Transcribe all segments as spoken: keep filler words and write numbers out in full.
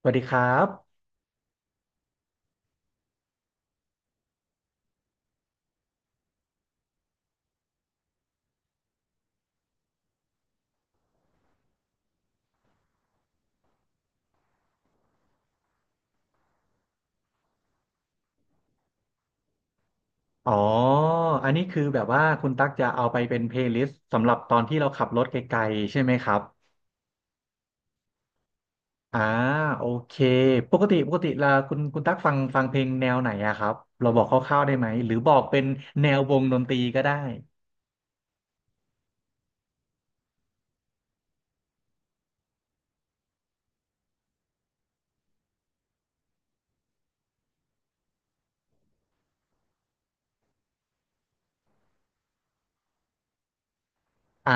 สวัสดีครับอ๋ออันนี้คือแบบว่าคุณตั๊กจะเอาไปเป็นเพลย์ลิสต์สำหรับตอนที่เราขับรถไกลๆใช่ไหมครับอ่าโอเคปกติปกติละคุณคุณตั๊กฟังฟังเพลงแนวไหนอะครับ เราบอกคร่าวๆได้ไหมหรือบอกเป็นแนววงดนตรีก็ได้อ่า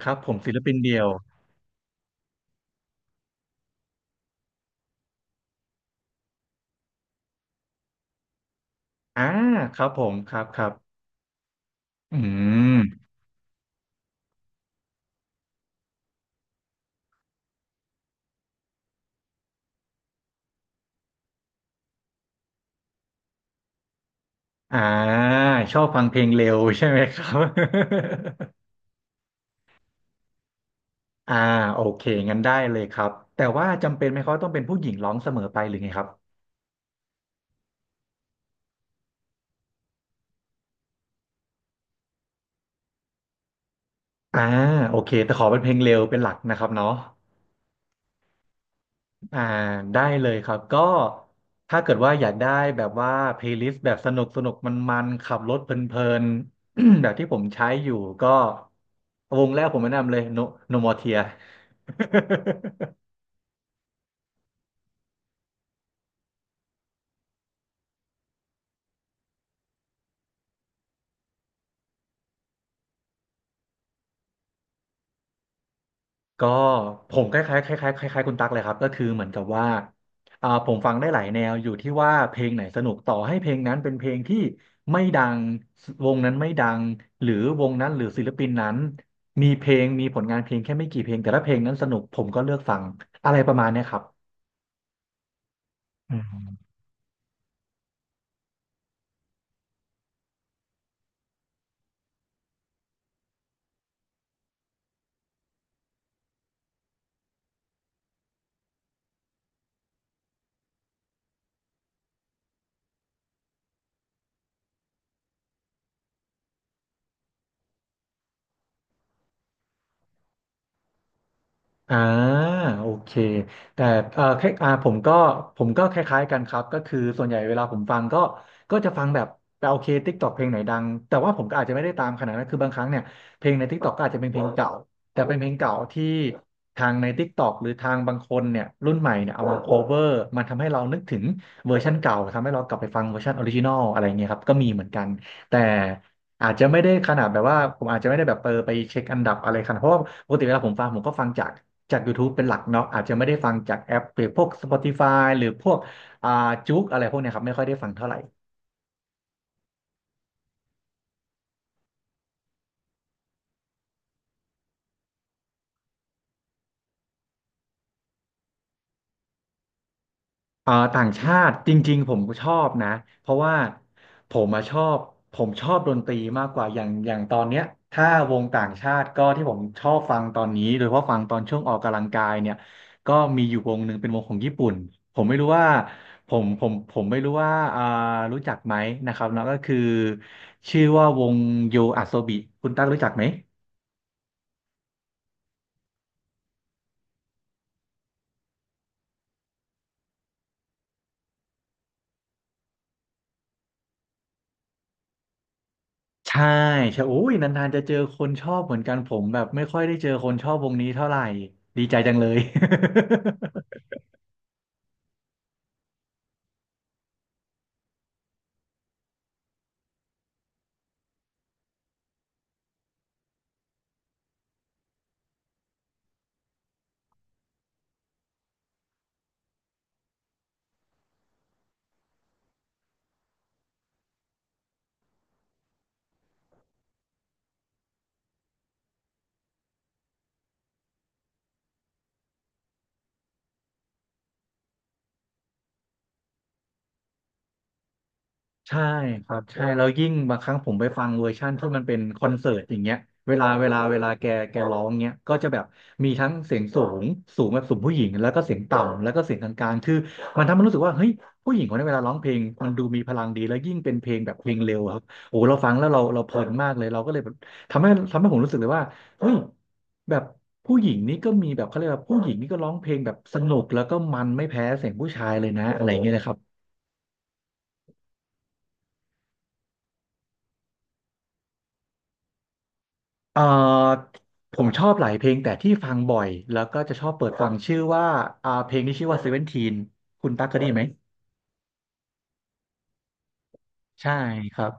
ครับผมศิลปินเดียวอ่าครับผมครับครับอืมอ่าชอบฟังเพลงเร็วใช่ไหมครับ อ่าโอเคงั้นได้เลยครับแต่ว่าจำเป็นไหมเขาต้องเป็นผู้หญิงร้องเสมอไปหรือไงครับอ่าโอเคแต่ขอเป็นเพลงเร็วเป็นหลักนะครับเนาะอ่าได้เลยครับก็ถ้าเกิดว่าอยากได้แบบว่าเพลย์ลิสต์แบบสนุกสนุกมันมันๆขับรถเพลินๆ แบบที่ผมใช้อยู่ก็วงแรกผมแนะนำเลย No No More Tears ก็ผมคล้ายๆคล้ายๆคล้ายๆคุณตั๊กเลยครับก็คือเหมือนกับว่าอ่าผมฟังได้หลายแนวอยู่ที่ว่าเพลงไหนสนุกต่อให้เพลงนั้นเป็นเพลงที่ไม่ดังวงนั้นไม่ดังหรือวงนั้นหรือศิลปินนั้นมีเพลงมีผลงานเพลงแค่ไม่กี่เพลงแต่ถ้าเพลงนั้นสนุกผมก็เลือกฟังอะไรประมาณเนี้ยครับ อ่าโอเคแต่เอ่อแค่อ่าผมก็ผมก็คล้ายๆกันครับก็คือส่วนใหญ่เวลาผมฟังก็ก็จะฟังแบบแต่โอเคทิกตอกเพลงไหนดังแต่ว่าผมก็อาจจะไม่ได้ตามขนาดนั้นคือบางครั้งเนี่ยเพลงในทิกตอกก็อาจจะเป็นเพลงเก่าแต่เป็นเพลงเก่าที่ทางในทิกตอกหรือทางบางคนเนี่ยรุ่นใหม่เนี่ยเอามาโคเวอร์มันทำให้เรานึกถึงเวอร์ชันเก่าทำให้เรากลับไปฟังเวอร์ชันออริจินอลอะไรเงี้ยครับก็มีเหมือนกันแต่อาจจะไม่ได้ขนาดแบบว่าผมอาจจะไม่ได้แบบเปอร์ไปเช็คอันดับอะไรขนาดเพราะว่าปกติเวลาผมฟังผมก็ฟังจาก จาก YouTube เป็นหลักเนาะอาจจะไม่ได้ฟังจากแอปหรือพวก สปอติฟาย หรือพวกอ่าจุกอะไรพวกเนี้ยครับไม่ค่อยได้ฟังเท่าไหร่อ่าต่างชาติจริงๆผมก็ชอบนะเพราะว่าผมมาชอบผมชอบดนตรีมากกว่าอย่างอย่างตอนเนี้ยถ้าวงต่างชาติก็ที่ผมชอบฟังตอนนี้โดยเฉพาะฟังตอนช่วงออกกำลังกายเนี่ยก็มีอยู่วงหนึ่งเป็นวงของญี่ปุ่นผมไม่รู้ว่าผมผมผมไม่รู้ว่าอ่ารู้จักไหมนะครับแล้วก็คือชื่อว่าวงโยอาโซบิคุณตั๊กรู้จักไหม ใช่ใช่โอ้ยนานๆจะเจอคนชอบเหมือนกันผมแบบไม่ค่อยได้เจอคนชอบวงนี้เท่าไหร่ดีใจจังเลย ใช่ครับใช่แล้วยิ่งบางครั้งผมไปฟังเวอร์ชั่นที่มันเป็นคอนเสิร์ตอย่างเงี้ยเวลาเวลาเวลาแกแกร้องเงี้ยก็จะแบบมีทั้งเสียงสูงสูงแบบสูงผู้หญิงแล้วก็เสียงต่ำแล้วก็เสียงกลางๆคือมันทำให้รู้สึกว่าเฮ้ยผู้หญิงคนนี้เวลาร้องเพลงมันดูมีพลังดีแล้วยิ่งเป็นเพลงแบบเพลงเร็วอะครับโอ้เราฟังแล้วเราเราเพลินมากเลยเราก็เลยแบบทำให้ทำให้ผมรู้สึกเลยว่าเฮ้ยแบบผู้หญิงนี่ก็มีแบบเขาเรียกว่าผู้หญิงนี่ก็ร้องเพลงแบบสนุกแล้วก็มันไม่แพ้เสียงผู้ชายเลยนะอะไรอย่างเงี้ยนะครับ เอ่อผมชอบหลายเพลงแต่ที่ฟังบ่อยแล้วก็จะชอบเปิดฟังชื่อว่าอ่าเพลงที่ชื่อว่าเซเวนทีนคุณตั๊กเคยได้ยินไหมใช่ครับ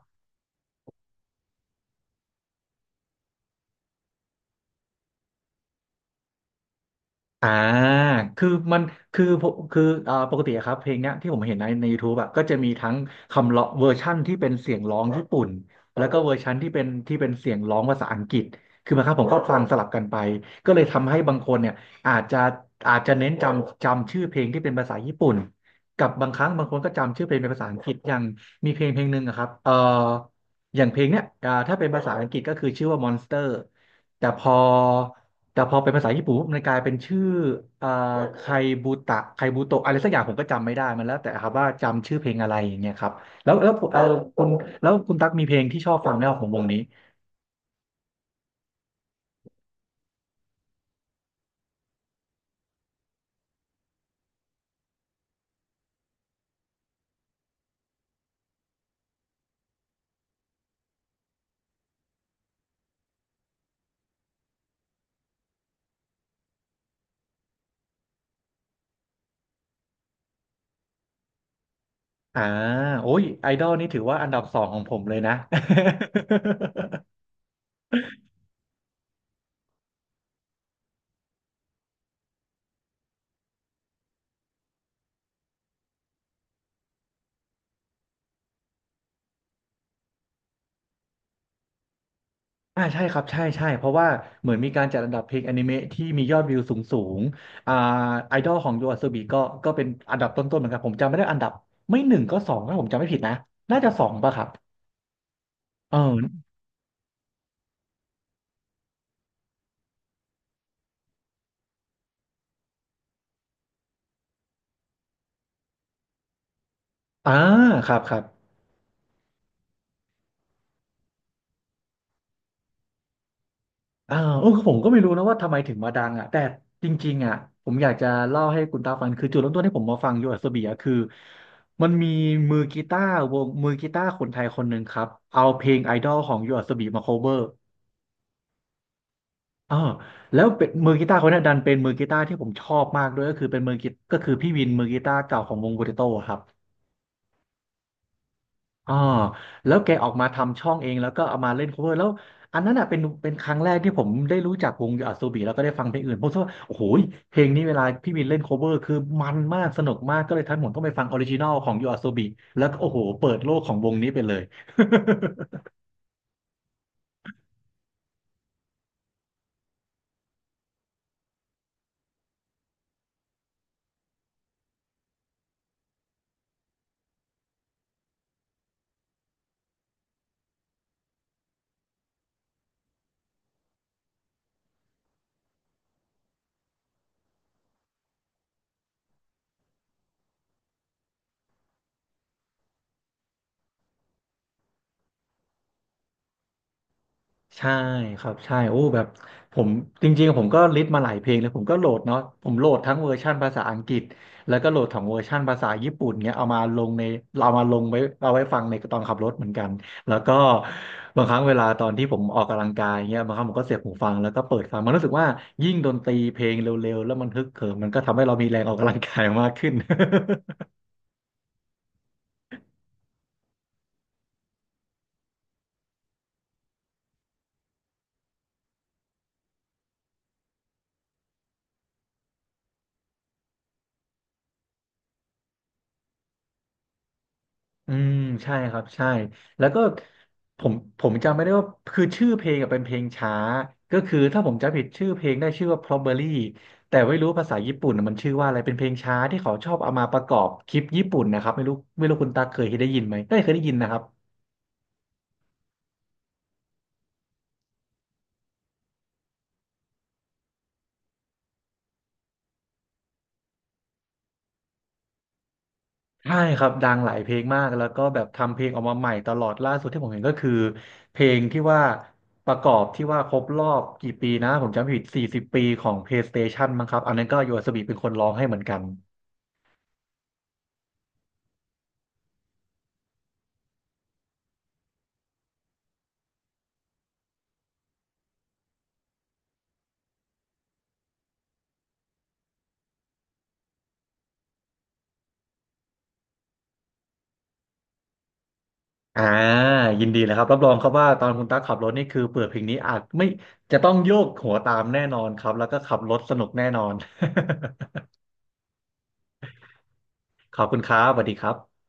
อ่าคือมันคือผมคือเอ่อปกติอะครับเพลงเนี้ยที่ผมเห็นในใน YouTube อะก็จะมีทั้งคำร้องเวอร์ชั่นที่เป็นเสียงร้องญี่ปุ่นแล้วก็เวอร์ชันที่เป็นที่เป็นเสียงร้องภาษาอังกฤษคือบางครั้งผมก็ฟังสลับกันไปก็เลยทำให้บางคนเนี่ยอาจจะอาจจะเน้นจำจำชื่อเพลงที่เป็นภาษาญี่ปุ่นกับบางครั้งบางคนก็จำชื่อเพลงเป็นภาษาอังกฤษอย่างมีเพลงเพลงหนึ่งอะครับเอ่ออย่างเพลงเนี้ยอ่าถ้าเป็นภาษาอังกฤษก็คือชื่อว่า มอนสเตอร์ แต่พอ แต่พอเป็นภาษาญี่ปุ่นปุ๊บมันกลายเป็นชื่อเอ่อไคบูตะไคบูโตะอะไรสักอย่างผมก็จำไม่ได้มันแล้วแต่ครับว่าจำชื่อเพลงอะไรอย่างเงี้ยครับ แล้วแล้วเออคุณแล้วคุณตั๊กมีเพลงที่ชอบฟังไหมครับของวงนี้อ่าโอ้ยไอดอลนี่ถือว่าอันดับสองของผมเลยนะ อ่าใช่ครับ ใช่ใช่เพราะว่าเหมือนมีการจัดอันดับเพลงอนิเมะที่มียอดวิวสูงสูงอ่าไอดอลของยูอาโซบิก็ก็เป็นอันดับต้นๆเหมือนกันผมจำไม่ได้อันดับไม่หนึ่งก็สองถ้าผมจำไม่ผิดนะน่าจะสองป่ะครับเออ อ่าครับครับอ่าโอ้ผมก็ไม่รู้นะว่าทำไมถึงมาดังอ่ะแต่จริงๆอ่ะผมอยากจะเล่าให้คุณตาฟังคือจุดเริ่มต้นที่ผมมาฟังโยอาโซบียคือ มันมีมือกีตาร์วงมือกีตาร์คนไทยคนหนึ่งครับ เอาเพลงไอดอลของโยอาโซบยมาโคเวอร์อ่าแล้วเป็นมือกีตาร์คนนั้นดันเป็นมือกีตาร์ที่ผมชอบมากด้วยก็คือเป็นมือกีก็คือพี่วินมือกีตาร์เก่าของวงโปเตโต้ครับ อ่าแล้วแกออกมาทำช่องเองแล้วก็เอามาเล่น cover แล้วอันนั้นอ่ะเป็นเป็นครั้งแรกที่ผมได้รู้จักวงอ s โ b บิแล้วก็ได้ฟังเพลงอื่นผมคิดว่าโอ้โหเพลงนี้เวลาพี่บินเล่น cover คือมันมากสนุกมากก็เลยทันผมต้องไปฟังออริจินอลของยูอาโซบิแล้วก็โอ้โหเปิดโลกของวงนี้ไปเลย ใช่ครับใช่โอ้แบบผมจริงๆผมก็ลิสต์มาหลายเพลงเลยผมก็โหลดเนาะผมโหลดทั้งเวอร์ชั่นภาษาอังกฤษแล้วก็โหลดของเวอร์ชั่นภาษาญี่ปุ่นเงี้ยเอามาลงในเรามาลงไว้เอาไว้ฟังในตอนขับรถเหมือนกันแล้วก็บางครั้งเวลาตอนที่ผมออกกำลังกายเงี้ยบางครั้งผมก็เสียบหูฟังแล้วก็เปิดฟังมันรู้สึกว่ายิ่งดนตรีเพลงเร็วๆแล้วมันฮึกเหิมมันก็ทำให้เรามีแรงออกกำลังกายมากขึ้น อืมใช่ครับใช่แล้วก็ผมผมจำไม่ได้ว่าคือชื่อเพลงอะเป็นเพลงช้าก็คือถ้าผมจำผิดชื่อเพลงได้ชื่อว่า Probably แต่ไม่รู้ภาษาญี่ปุ่นอะมันชื่อว่าอะไรเป็นเพลงช้าที่เขาชอบเอามาประกอบคลิปญี่ปุ่นนะครับไม่รู้ไม่รู้คุณตาเคยได้ยินไหมได้เคยได้ยินนะครับใช่ครับดังหลายเพลงมากแล้วก็แบบทำเพลงออกมาใหม่ตลอดล่าสุดที่ผมเห็นก็คือเพลงที่ว่าประกอบที่ว่าครบรอบกี่ปีนะผมจำผิดสี่สิบปีของ PlayStation มั้งครับอันนั้นก็โยอาสบิเป็นคนร้องให้เหมือนกัน อ่ายินดีเลยครับ รับรองครับว่าตอนคุณตั๊กขับรถนี่คือเปิดเพลงนี้อาจไม่จะต้องโยกหัวตามแน่นอนครับ แล้วก็ขับรถสนุกแน่นอน ขอบคุณครับสวัสดีครับ